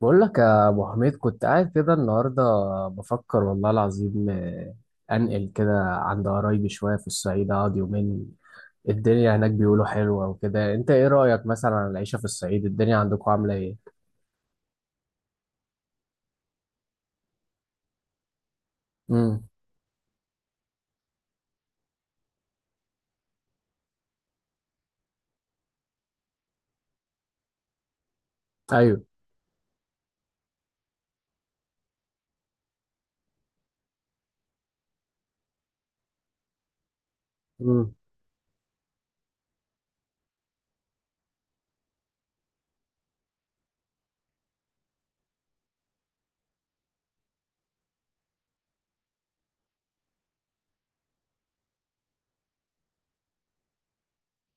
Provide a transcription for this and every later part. بقول لك يا ابو حميد، كنت قاعد كده النهارده بفكر والله العظيم، انقل كده عند قرايبي شويه في الصعيد اقعد يومين. الدنيا هناك بيقولوا حلوه وكده. انت ايه رايك مثلا عن العيشه في الصعيد؟ الدنيا عندكم عامله ايه؟ امم. ايوه. امم.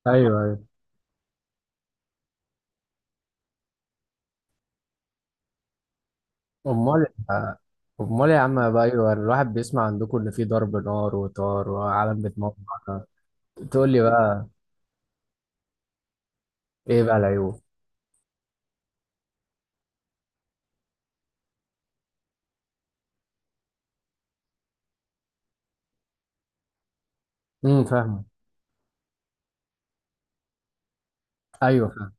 ايوه. ايوه. امال امال يا عم بقى. ايوه، الواحد بيسمع عندكم ان في ضرب نار وطار وعالم بتموت. تقول لي بقى. ايه بقى العيوب؟ امم، فاهمه. ايوه، فاهم.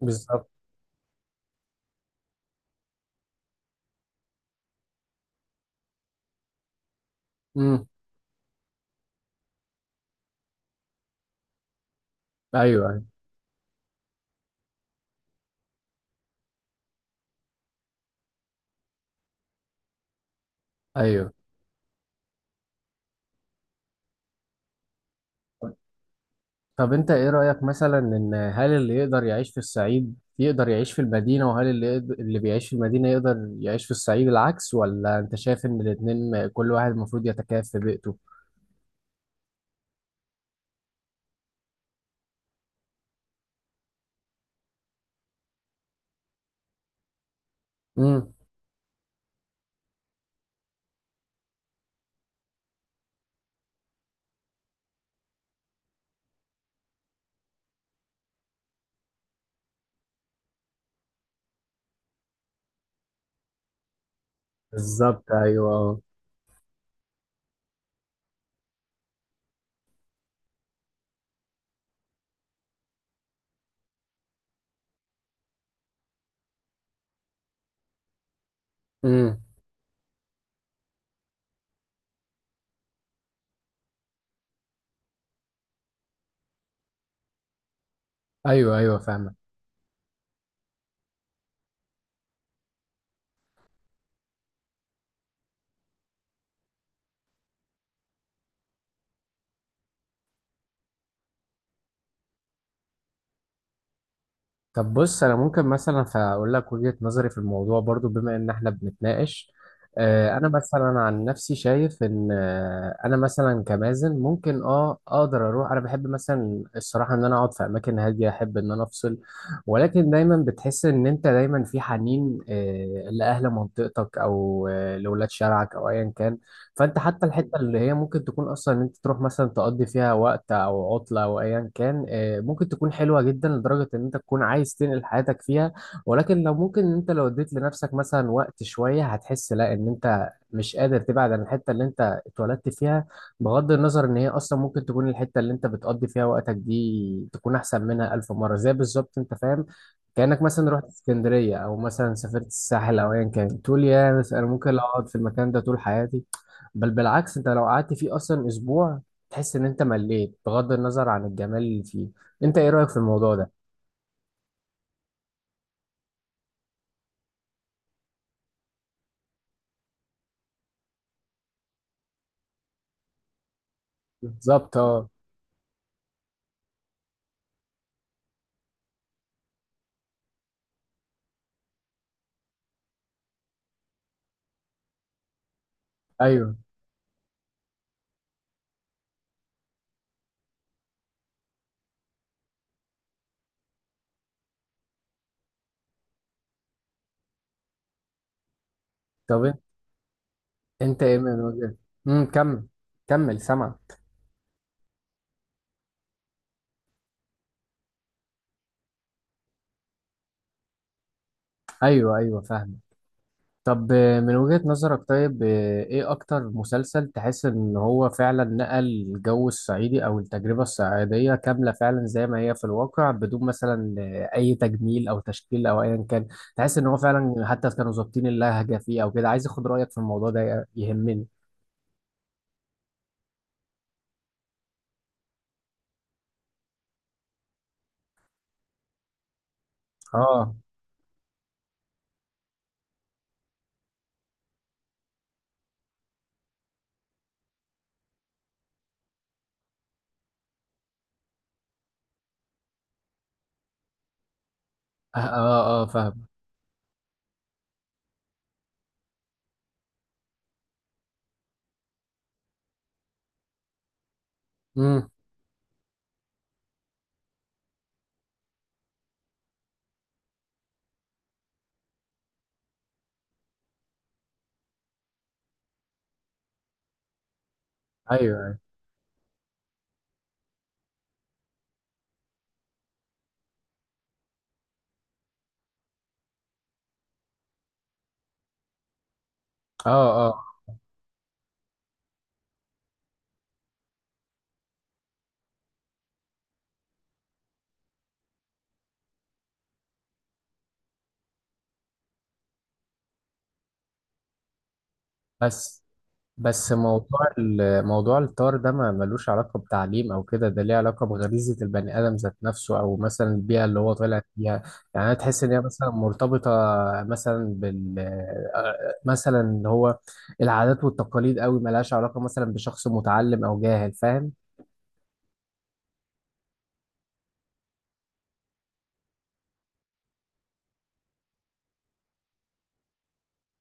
بالظبط. امم. ايوه. ايوه. ايوه. طب انت ايه رأيك مثلا، ان هل اللي يقدر يعيش في الصعيد يقدر يعيش في المدينة، وهل اللي يقدر اللي بيعيش في المدينة يقدر يعيش في الصعيد العكس، ولا انت شايف ان الاتنين كل واحد المفروض يتكيف في بيئته؟ امم. بالظبط، ايوه. أه. امم. ايوه ايوه فاهمك. طب بص، انا ممكن مثلا فاقول لك وجهة نظري في الموضوع برضو بما ان احنا بنتناقش. انا مثلا عن نفسي شايف ان انا مثلا كمازن ممكن اقدر اروح. انا بحب مثلا الصراحه ان انا اقعد في اماكن هاديه، احب ان انا افصل. ولكن دايما بتحس ان انت دايما في حنين لاهل منطقتك، او لولاد شارعك او ايا كان. فانت حتى الحته اللي هي ممكن تكون اصلا ان انت تروح مثلا تقضي فيها وقت او عطله او ايا كان، ممكن تكون حلوه جدا لدرجه ان انت تكون عايز تنقل حياتك فيها. ولكن لو ممكن ان انت لو اديت لنفسك مثلا وقت شويه، هتحس لا، ان انت مش قادر تبعد عن الحته اللي انت اتولدت فيها. بغض النظر ان هي اصلا ممكن تكون الحته اللي انت بتقضي فيها وقتك دي تكون احسن منها الف مره، زي بالظبط، انت فاهم؟ كأنك مثلا رحت اسكندرية، أو مثلا سافرت الساحل أو أيا كان، تقول يا بس أنا ممكن أقعد في المكان ده طول حياتي. بل بالعكس، انت لو قعدت فيه اصلا اسبوع، تحس ان انت مليت بغض النظر عن الجمال اللي فيه. انت ايه رأيك في الموضوع ده؟ بالظبط، اه. ايوه. طب انت ايه من وجهة. امم، كمل. كمل، سامع. ايوه ايوه فاهم. طب من وجهة نظرك، طيب ايه اكتر مسلسل تحس ان هو فعلا نقل الجو الصعيدي او التجربة الصعيدية كاملة فعلا زي ما هي في الواقع، بدون مثلا اي تجميل او تشكيل او ايا كان؟ تحس ان هو فعلا حتى كانوا ظابطين اللهجة فيه او كده؟ عايز اخد رأيك في الموضوع ده، يهمني. اه. اه. اه. فاهم. امم. ايوه. أيوة. اه. اه. بس بس موضوع موضوع الطار ده ما ملوش علاقة بتعليم أو كده. ده ليه علاقة بغريزة البني آدم ذات نفسه، أو مثلا البيئة اللي هو طالع فيها. يعني أنا تحس إن هي مثلا مرتبطة مثلا بال آه، مثلا اللي هو العادات والتقاليد أوي، ملهاش علاقة مثلا بشخص متعلم أو جاهل، فاهم؟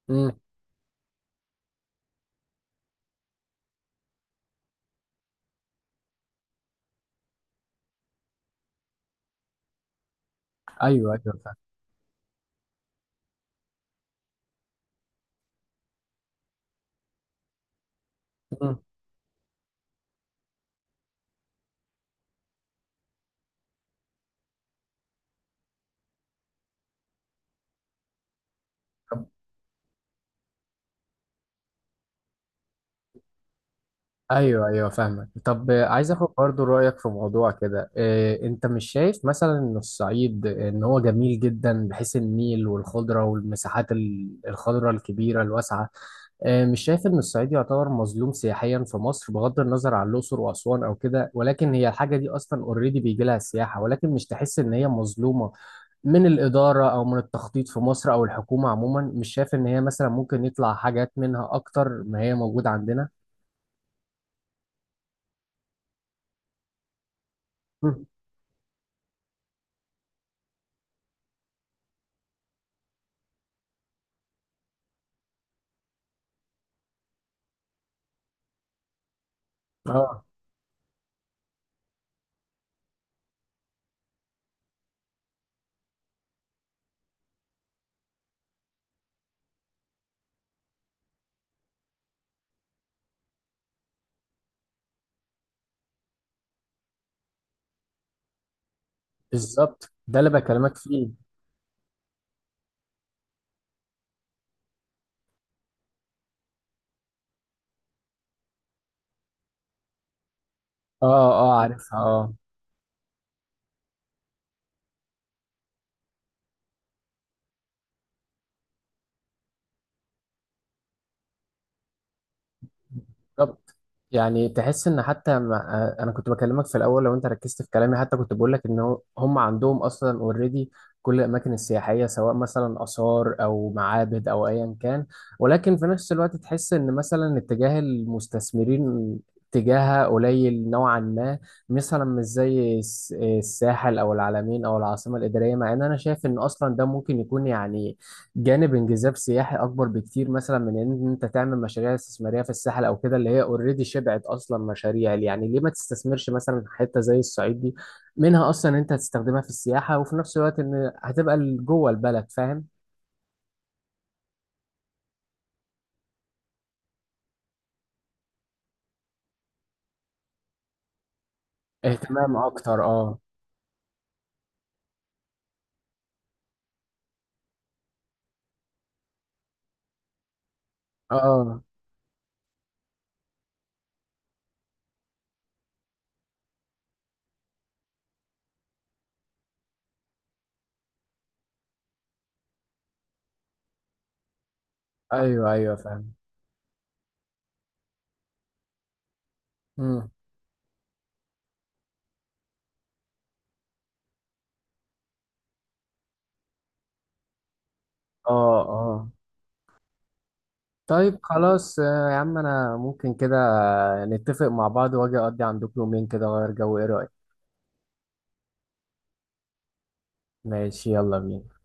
مم. أيوه أيوه فاهم. مم. ايوه ايوه فاهمك. طب عايز اخد برضو رايك في موضوع كده. انت مش شايف مثلا ان الصعيد، ان هو جميل جدا بحيث النيل والخضره والمساحات الخضراء الكبيره الواسعه، مش شايف ان الصعيد يعتبر مظلوم سياحيا في مصر؟ بغض النظر عن الاقصر واسوان او كده، ولكن هي الحاجه دي اصلا اوريدي بيجي لها سياحه، ولكن مش تحس ان هي مظلومه من الإدارة أو من التخطيط في مصر أو الحكومة عموما؟ مش شايف إن هي مثلا ممكن يطلع حاجات منها أكتر ما هي موجودة عندنا؟ مم. اه. بالظبط، ده اللي بكلمك فيه. اه اه عارفها اه. بالظبط. يعني تحس ان حتى ما انا كنت بكلمك في الاول، لو انت ركزت في كلامي، حتى كنت بقول لك ان هم عندهم اصلا اوريدي كل الاماكن السياحيه سواء مثلا اثار او معابد او ايا كان. ولكن في نفس الوقت تحس ان مثلا اتجاه المستثمرين اتجاهها قليل نوعا ما، مثلا مش زي الساحل او العلمين او العاصمه الاداريه. مع ان انا شايف ان اصلا ده ممكن يكون، يعني جانب انجذاب سياحي اكبر بكتير، مثلا من ان انت تعمل مشاريع استثماريه في الساحل او كده اللي هي اوريدي شبعت اصلا مشاريع. يعني ليه ما تستثمرش مثلا في حته زي الصعيد دي؟ منها اصلا انت هتستخدمها في السياحه، وفي نفس الوقت ان هتبقى جوه البلد، فاهم؟ اهتمام اكتر، اه. اه. ايوه ايوه فاهم. مم. اه. اه. طيب خلاص. يا عم انا ممكن كده نتفق مع بعض واجي اقضي عندكم يومين كده اغير جو، ايه رايك؟ ماشي، يلا بينا.